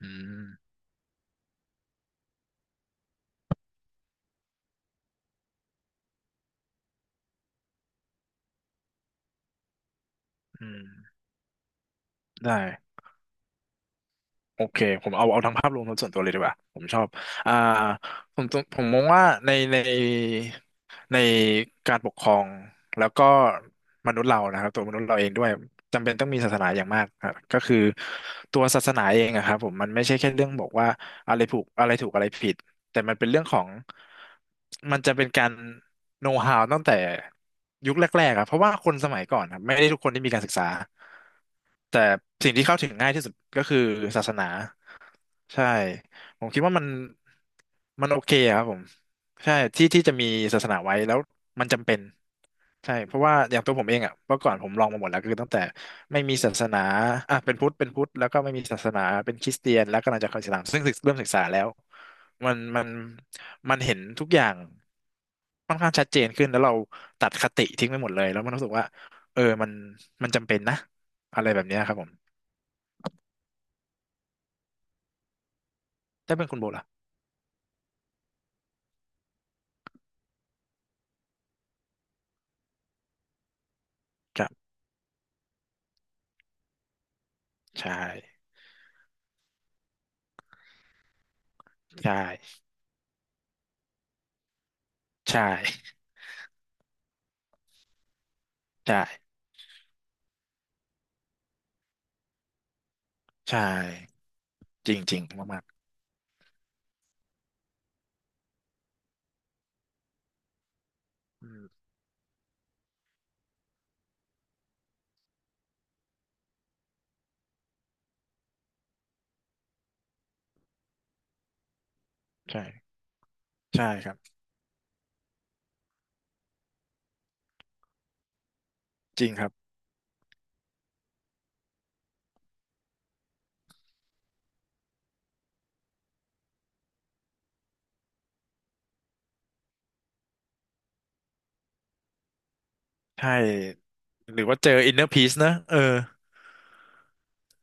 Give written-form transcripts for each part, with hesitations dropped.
อืมอืมได้โอเคผมเอาทั้งภาพรวมทั้งส่วนตัวเลยดีกว่าผมชอบอ่าผมมองว่าในการปกครองแล้วก็มนุษย์เรานะครับตัวมนุษย์เราเองด้วยจำเป็นต้องมีศาสนาอย่างมากครับก็คือตัวศาสนาเองอะครับผมมันไม่ใช่แค่เรื่องบอกว่าอะไรถูกอะไรผิดแต่มันเป็นเรื่องของมันจะเป็นการโน้ h ฮาวตั้งแต่ยุคแรกๆครับเพราะว่าคนสมัยก่อนครับไม่ได้ทุกคนที่มีการศึกษา แต่สิ่งที่เข้าถึงง่ายที่สุดก็คือศาสนาใช่ผมคิดว่ามันโอเคอะครับผมใช่ที่ที่จะมีศาสนาไว้แล้วมันจำเป็นใช่เพราะว่าอย่างตัวผมเองอ่ะเมื่อก่อนผมลองมาหมดแล้วคือตั้งแต่ไม่มีศาสนาอ่ะเป็นพุทธเป็นพุทธแล้วก็ไม่มีศาสนาเป็นคริสเตียนแล้วก็กำลังจะเข้าอิสลามซึ่งศึกเริ่มศึกษาแล้วมันมันมันเห็นทุกอย่างค่อนข้างชัดเจนขึ้นแล้วเราตัดคติทิ้งไปหมดเลยแล้วมันรู้สึกว่าเออมันจำเป็นนะอะไรแบบเนี้ยครับผม ถ้าเป็นคุณโบล่ะครับใช่ใช่ใช่ใช่ใช่จริงจริงมากๆอืมใช่ใช่ครับจริงครับใช่หรือว่าเจออินเนอร์พีซนะเออ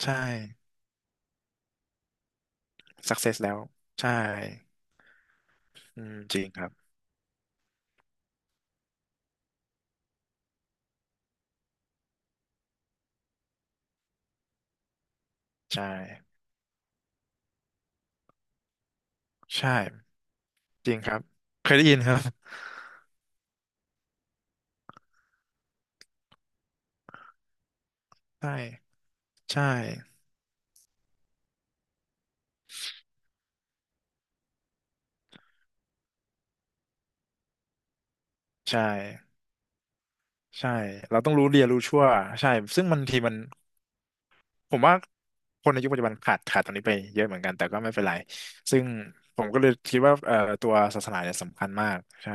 ใช่สักเซสแล้วใช่อืมจริงครับใช่ใช่จริงครับเคยได้ยินครับใช่ใช่ใช่ใช่เราต้องรู้เรียนรู้ชั่วใช่ซึ่งบางทีมัน ผมว่าคนในยุคปัจจุบันขาดตรงนี้ไปเยอะเหมือนกันแต่ก็ไม่เป็นไรซึ่งผมก็เลยคิดว่าตัวศาสนาเนี่ยสำคัญมากใช่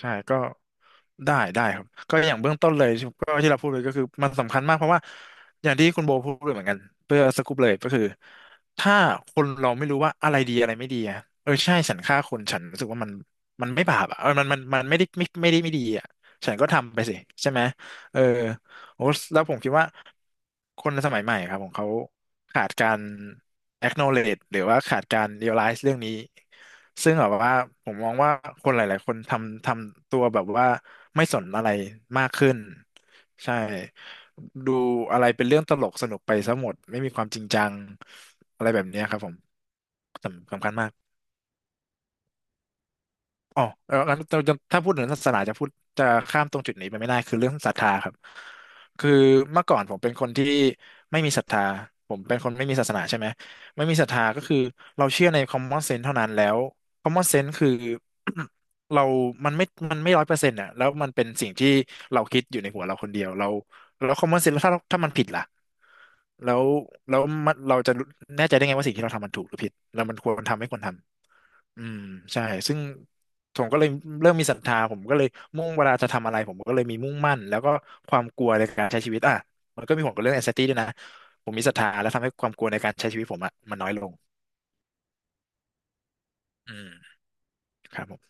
ใช่ก็ได้ได้ครับก็อย่างเบื้องต้นเลยที่ก็ที่เราพูดเลยก็คือมันสำคัญมากเพราะว่าอย่างที่คุณโบพูดเลยเหมือนกันเพื่อสรุปเลยก็คือถ้าคนเราไม่รู้ว่าอะไรดีอะไรไม่ดีอะเออใช่ฉันฆ่าคนฉันรู้สึกว่ามันไม่บาปอ่ะเออมันไม่ได้ไม่ได้ไม่ดีอ่ะฉันก็ทำไปสิใช่ไหมเออ โอ้แล้วผมคิดว่าคนสมัยใหม่ครับของเขาขาดการ acknowledge หรือว่าขาดการ realize เรื่องนี้ซึ่งแบบว่าผมมองว่าคนหลายๆคนทำตัวแบบว่าไม่สนอะไรมากขึ้นใช่ดูอะไรเป็นเรื่องตลกสนุกไปซะหมดไม่มีความจริงจังอะไรแบบเนี้ยครับผมสำคัญมาก อ๋อแล้วถ้าพูดถึงศาสนาจะข้ามตรงจุดนี้ไปไม่ได้คือเรื่องศรัทธาครับคือเมื่อก่อนผมเป็นคนที่ไม่มีศรัทธาผมเป็นคนไม่มีศาสนาใช่ไหมไม่มีศรัทธาก็คือเราเชื่อใน common sense เท่านั้นแล้ว common sense คือ เรามันไม่มันไม่ร้อยเปอร์เซ็นต์อ่ะแล้วมันเป็นสิ่งที่เราคิดอยู่ในหัวเราคนเดียวเราแล้ว common sense แล้วถ้ามันผิดล่ะแล้วแล้วมันเราจะแน่ใจได้ไงว่าสิ่งที่เราทำมันถูกหรือผิดแล้วมันควรทำไม่ควรทำ อืมใช่ซึ่งผมก็เลยเริ่มมีศรัทธาผมก็เลยมุ่งเวลาจะทำอะไรผมก็เลยมีมุ่งมั่นแล้วก็ความกลัวในการใช้ชีวิตอ่ะมันก็มีผลกับเรื่อง anxiety ด้วยนะผมมีศรัทธาแล้วทำให้ความกลัวในการใช้ชีวิตผมอ่ะมันน้อยลงอืมครับผม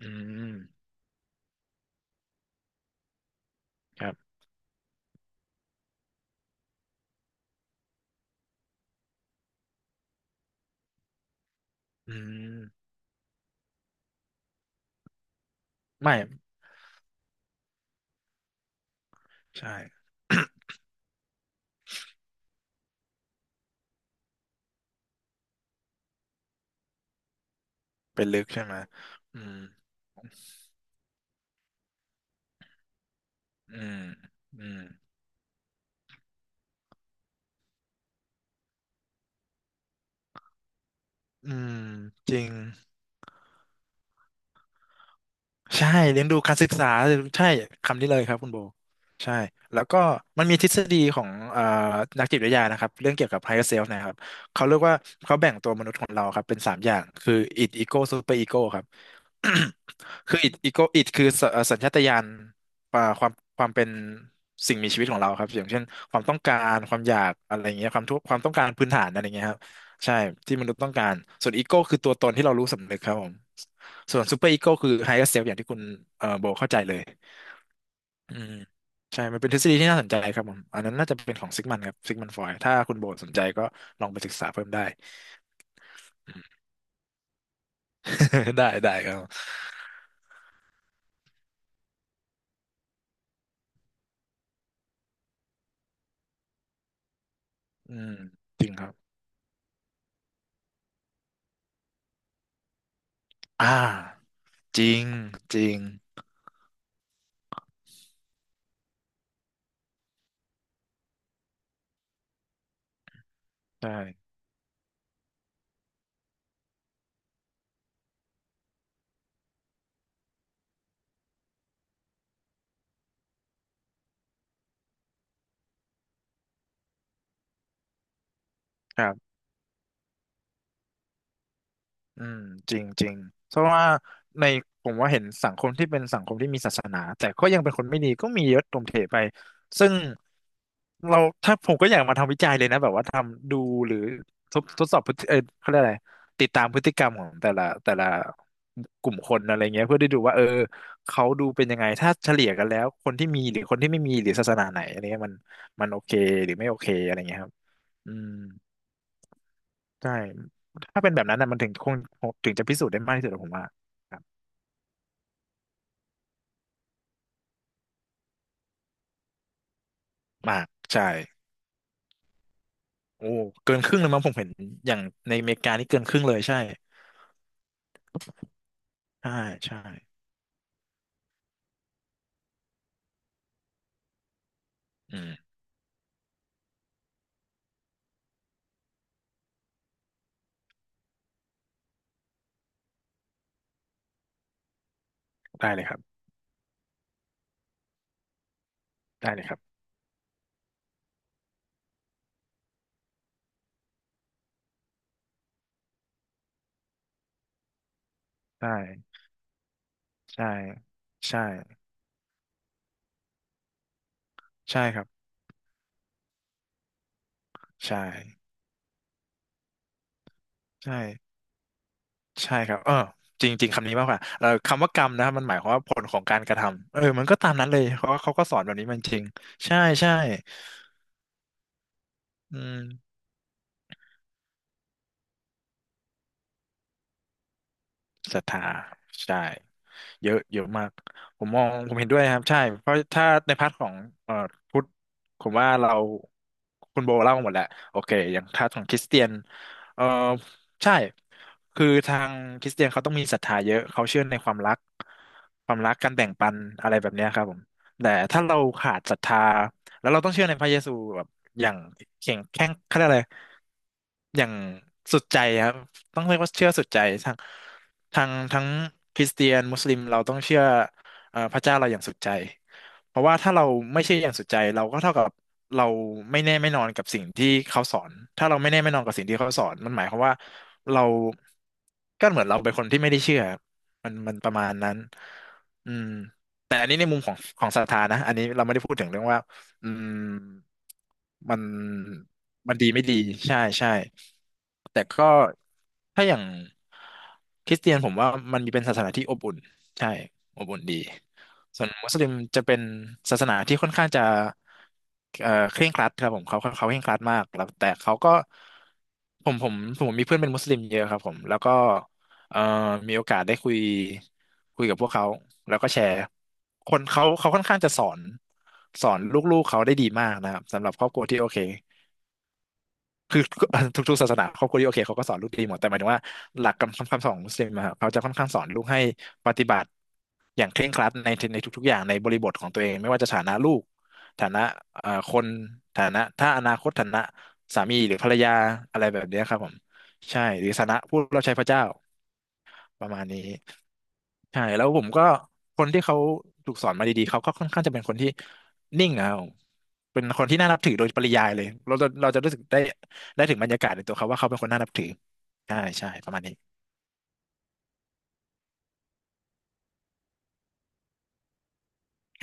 อืมครับอืมไม่ใช่เป็นลึกใช่ไหมอืมอืมอืมอืมจริง ใช่เลี้ยงดูการศึกษาใช่คำนี้เลยครับคุณโบใช่แล้วก็มันมีทฤษฎีของนักจิตวิทยานะครับเรื่องเกี่ยวกับ higher self นะครับเขาเรียกว่าเขาแบ่งตัวมนุษย์ของเราครับเป็นสามอย่างคือ id ego super ego ครับ คือ id ego id คือสเอ่อสัญชาตญาณอ่าความความเป็นสิ่งมีชีวิตของเราครับอย่างเช่นความต้องการความอยากอะไรอย่างเงี้ยความต้องการพื้นฐานอะไรอย่างเงี้ยครับใช่ที่มนุษย์ต้องการส่วนอีโก้คือตัวตนที่เรารู้สำนึกครับผม ส่วนซูเปอร์อีโก้คือไฮเออร์เซลอย่างที่คุณโบเข้าใจเลยอืมใช่มันเป็นทฤษฎีที่น่าสนใจครับผมอันนั้นน่าจะเป็นของซิกมันครับซิกมันฟรอยด์ถ้าคุณโบสนใจก็ลองไปศึกษาเพิ่มได้อืม ได้ได้ครับอืมจริงครับอ่าจริงจริงใช่ครับ อืมจริงจริงเพราะว่าในผมว่าเห็นสังคมที่เป็นสังคมที่มีศาสนาแต่ก็ยังเป็นคนไม่ดีก็มีเยอะตรงเถไปซึ่งเราถ้าผมก็อยากมาทำวิจัยเลยนะแบบว่าทำดูหรือทดสอบพฤติเขาเรียกอะไรติดตามพฤติกรรมของแต่ละกลุ่มคนอะไรเงี้ยเพื่อได้ดูว่าเออเขาดูเป็นยังไงถ้าเฉลี่ยกันแล้วคนที่มีหรือคนที่ไม่มีหรือศาสนาไหนอะไรเงี้ยมันโอเคหรือไม่โอเคอะไรเงี้ยครับอืม ใช่ถ้าเป็นแบบนั้นนะมันถึงคงถึงจะพิสูจน์ได้มากที่สุดอะผมว่าครับมากใช่โอ้เกินครึ่งเลยมั้งผมเห็นอย่างในอเมริกานี่เกินครึ่งเลยใช่ใช่ใช่อืมได้เลยครับได้เลยครับได่ใช่ใช่ใช่ครับใช่ใช่ใช่ครับเออจริงๆคำนี้มากกว่าคำว่ากรรมนะมันหมายความว่าผลของการกระทำมันก็ตามนั้นเลยเพราะว่าเขาก็สอนแบบนี้มันจริงใช่ใช่อืม ศรัทธาใช่เยอะเยอะมากผมมองผมเห็นด้วยนะครับใช่เพราะถ้าในพาร์ทของเอ่อพุทธผมว่าเราคุณโบเล่าหมดแล้วโอเคอย่างพาร์ทของคริสเตียนเอ่อใช่คือทางคริสเตียนเขาต้องมีศรัทธาเยอะเขาเชื่อในความรักความรักการแบ่งปันอะไรแบบเนี้ยครับผมแต่ถ้าเราขาดศรัทธาแล้วเราต้องเชื่อในพระเยซูแบบอย่างแข็งแข็งเขาเรียกอะไรอย่างสุดใจครับต้องเรียกว่าเชื่อสุดใจทาง ทางทั้งคริสเตียนมุสลิมเราต้องเชื่อพระเจ้าเราอย่างสุดใจเพราะว่าถ้าเราไม่เชื่ออย่างสุดใจเราก็เท่ากับเราไม่แน่ไม่นอนกับสิ่งที่เขาสอนถ้าเราไม่แน่ไม่นอนกับสิ่งที่เขาสอนมันหมายความว่าเราก็เหมือนเราเป็นคนที่ไม่ได้เชื่อมันประมาณนั้นอืมแต่อันนี้ในมุมของของศรัทธานะอันนี้เราไม่ได้พูดถึงเรื่องว่าอืมมัน มันดีไม่ดีใช่ใช่แต่ก็ถ้าอย่างคริสเตียนผมว่ามันมีเป็นศาสนาที่อบอุ่นใช่อบอุ่นดีส่วนมุสลิมจะเป็นศาสนาที่ค่อนข้างจะเคร่งครัดครับผมเขาเคร่งครัดมากแล้วแต่เขาก็ผมผมผมมีเพื่อนเป็นมุสลิมเยอะครับผมแล้วก็เอ่อมีโอกาสได้คุยกับพวกเขาแล้วก็แชร์คนเขาเขาค่อนข้างจะสอนสอนลูกๆเขาได้ดีมากนะครับสำหรับครอบครัวที่โอเค คือ ทุกๆศาสนาครอบครัวที่โอเคเขาก็สอนลูกดีหมดแต่หมายถึงว่าหลักคำสอนของมุสลิมอะครับเขาจะค่อนข้างสอนลูกให้ปฏิบัติอย่างเคร่งครัดในในทุกๆอย่างในบริบทของตัวเองไม่ว่าจะฐานะลูกฐานะคนฐานะถ้าอนาคตฐานะสามีหรือภรรยาอะไรแบบเนี้ยครับผมใช่หรือฐานะผู้รับใช้พระเจ้า ประมาณนี้ใช่แล้วผมก็คนที่เขาถูกสอนมาดีๆเขาก็ค่อนข้างจะเป็นคนที่นิ่งเอาเป็นคนที่น่านับถือโดยปริยายเลยเราจะรู้สึกได้ได้ถึงบรรยากาศในตัวเขาว่าเขาเป็นคนน่านับถือใช่ใช่ประมาณนี้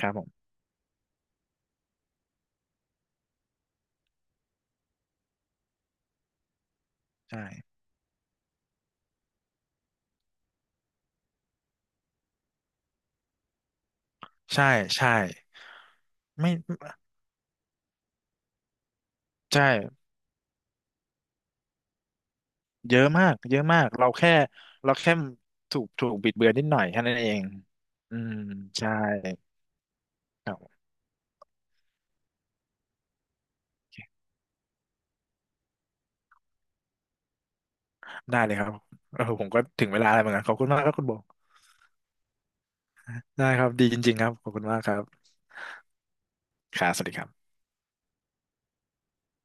ครับผมใช่ใช่ใช่ไม่ใช่เยอะมากเยอะมากเราแค่เราแค่ถูกบิดเบือนนิดหน่อยแค่นั้นเองอืมใช่ครับได้เลยครับเออผมก็ถึงเวลาแล้วเหมือนกันขอบคุณมากครับคุณโบ ได้ครับดีจริงๆครับขอบคุณมากครับครับสวัสดีครับ